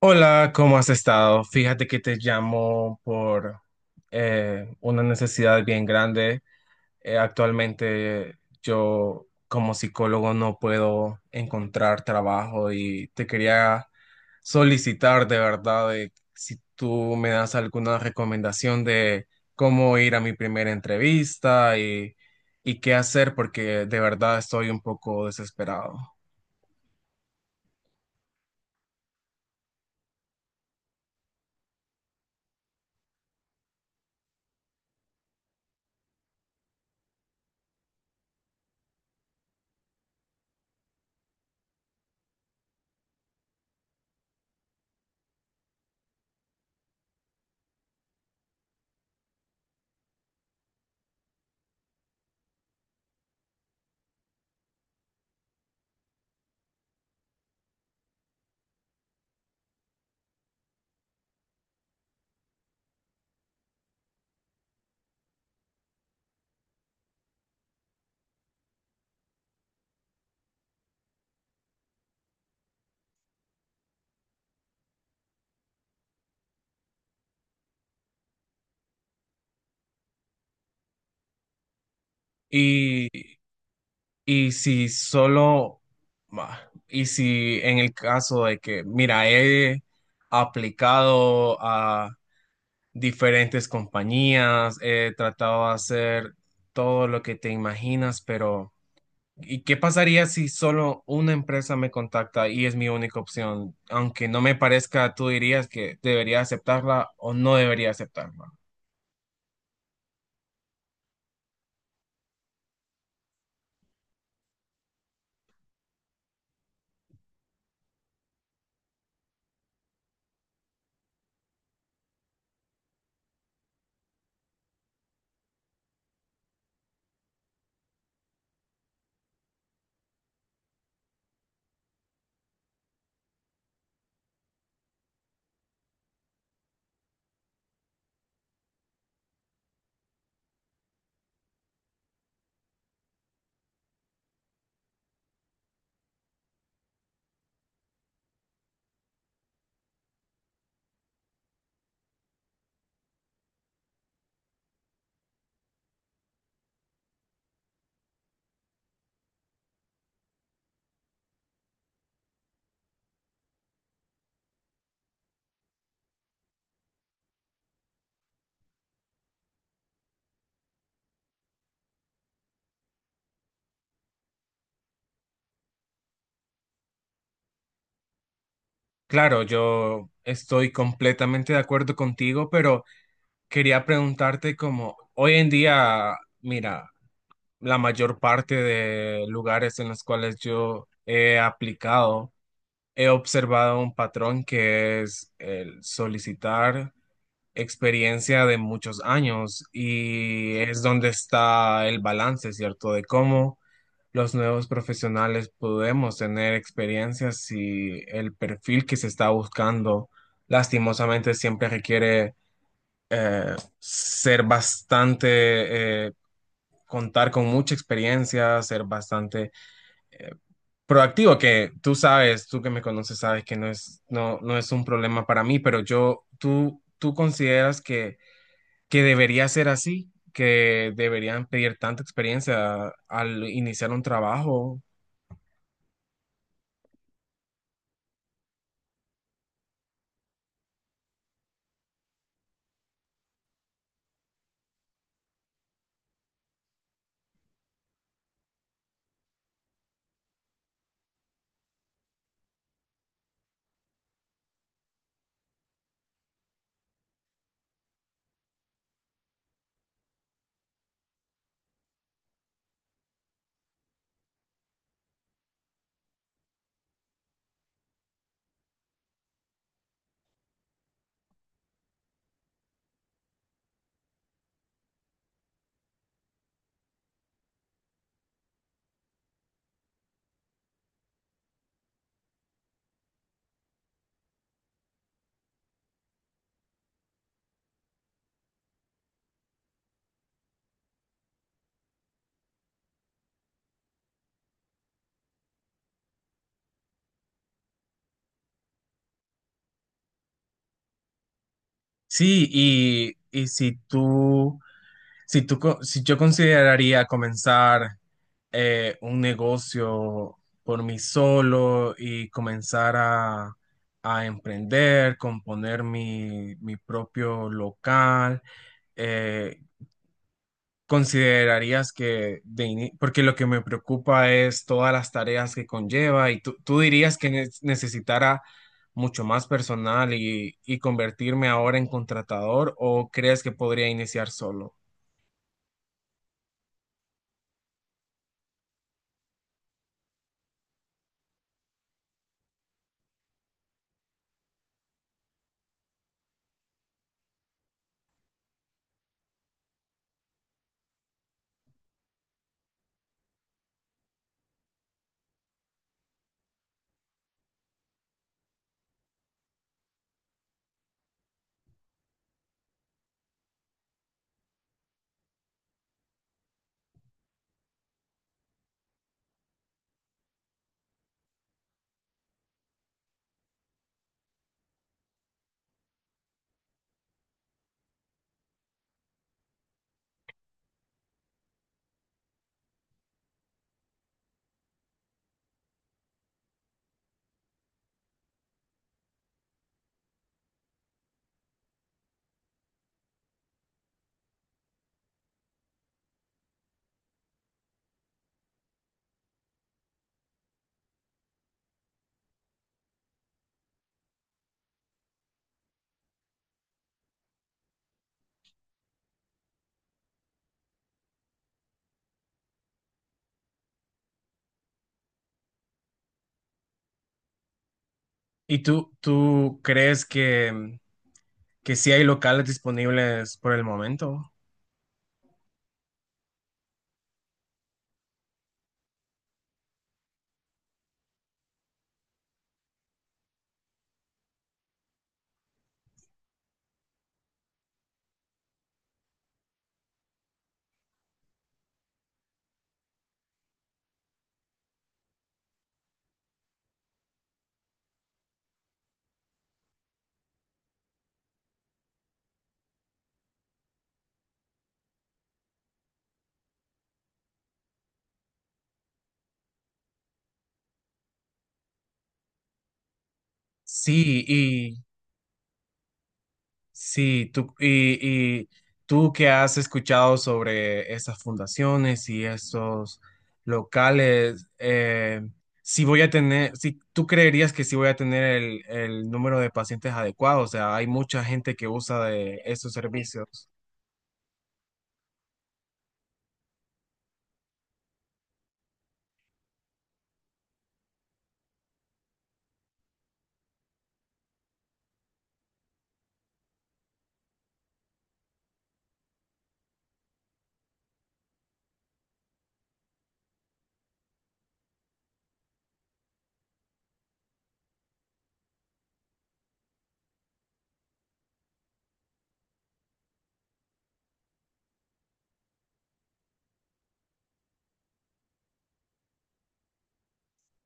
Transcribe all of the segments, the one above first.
Hola, ¿cómo has estado? Fíjate que te llamo por una necesidad bien grande. Actualmente yo como psicólogo no puedo encontrar trabajo y te quería solicitar de verdad de si tú me das alguna recomendación de cómo ir a mi primera entrevista y qué hacer porque de verdad estoy un poco desesperado. Y si solo, y si en el caso de que, mira, he aplicado a diferentes compañías, he tratado de hacer todo lo que te imaginas, pero ¿y qué pasaría si solo una empresa me contacta y es mi única opción? Aunque no me parezca, tú dirías que debería aceptarla o no debería aceptarla. Claro, yo estoy completamente de acuerdo contigo, pero... Quería preguntarte como hoy en día, mira, la mayor parte de lugares en los cuales yo he aplicado, he observado un patrón que es el solicitar experiencia de muchos años y es donde está el balance, ¿cierto? De cómo los nuevos profesionales podemos tener experiencias si el perfil que se está buscando lastimosamente siempre requiere ser bastante, contar con mucha experiencia, ser bastante eh, proactivo, que tú sabes, tú que me conoces, sabes que no no es un problema para mí, pero tú consideras que debería ser así, que deberían pedir tanta experiencia al iniciar un trabajo. Sí, y si tú, si yo consideraría comenzar un negocio por mí solo y comenzar a emprender, componer mi propio local. eh, ¿Considerarías que porque lo que me preocupa es todas las tareas que conlleva y tú dirías que necesitara mucho más personal y convertirme ahora en contratador o crees que podría iniciar solo? ¿Y tú crees que sí hay locales disponibles por el momento? Sí, y sí, y tú que has escuchado sobre esas fundaciones y esos locales, si voy a tener, si tú creerías que sí voy a tener el número de pacientes adecuado, o sea, hay mucha gente que usa de estos servicios.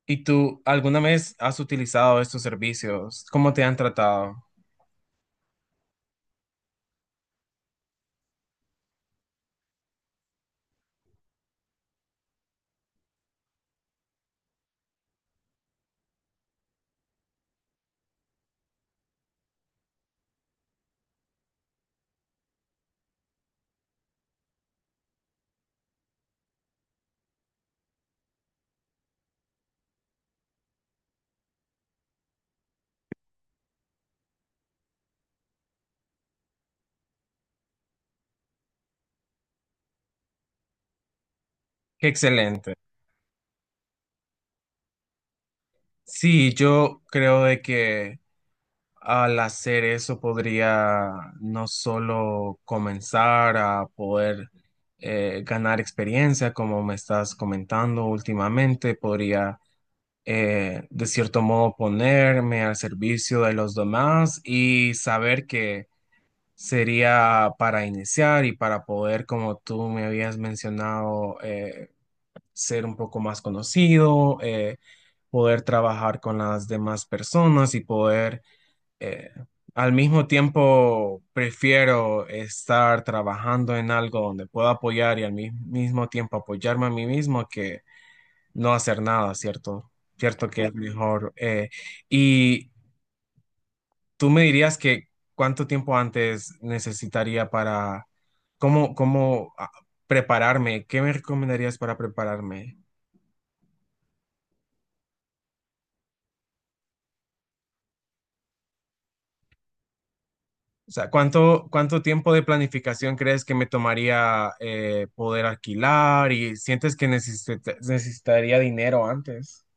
¿Y tú alguna vez has utilizado estos servicios? ¿Cómo te han tratado? Qué excelente. Sí, yo creo de que al hacer eso podría no solo comenzar a poder ganar experiencia, como me estás comentando últimamente, podría de cierto modo ponerme al servicio de los demás y saber que sería para iniciar y para poder, como tú me habías mencionado, ser un poco más conocido, poder trabajar con las demás personas y poder eh, al mismo tiempo prefiero estar trabajando en algo donde pueda apoyar y al mismo tiempo apoyarme a mí mismo que no hacer nada, ¿cierto? Cierto que es mejor. Y tú me dirías que cuánto tiempo antes necesitaría para, cómo prepararme, ¿qué me recomendarías para prepararme? O sea, ¿cuánto tiempo de planificación crees que me tomaría poder alquilar? ¿Y sientes que necesitaría dinero antes?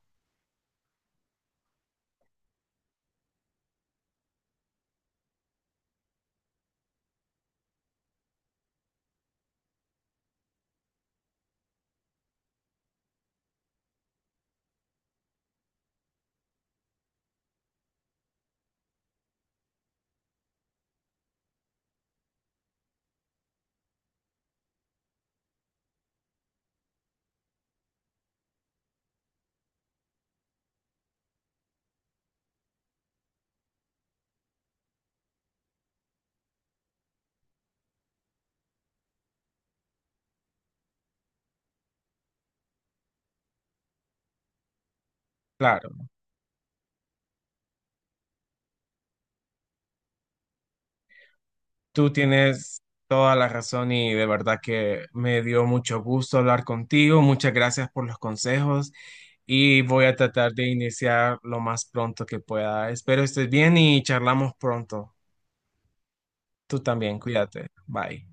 Claro, tú tienes toda la razón y de verdad que me dio mucho gusto hablar contigo. Muchas gracias por los consejos y voy a tratar de iniciar lo más pronto que pueda. Espero estés bien y charlamos pronto. Tú también, cuídate. Bye.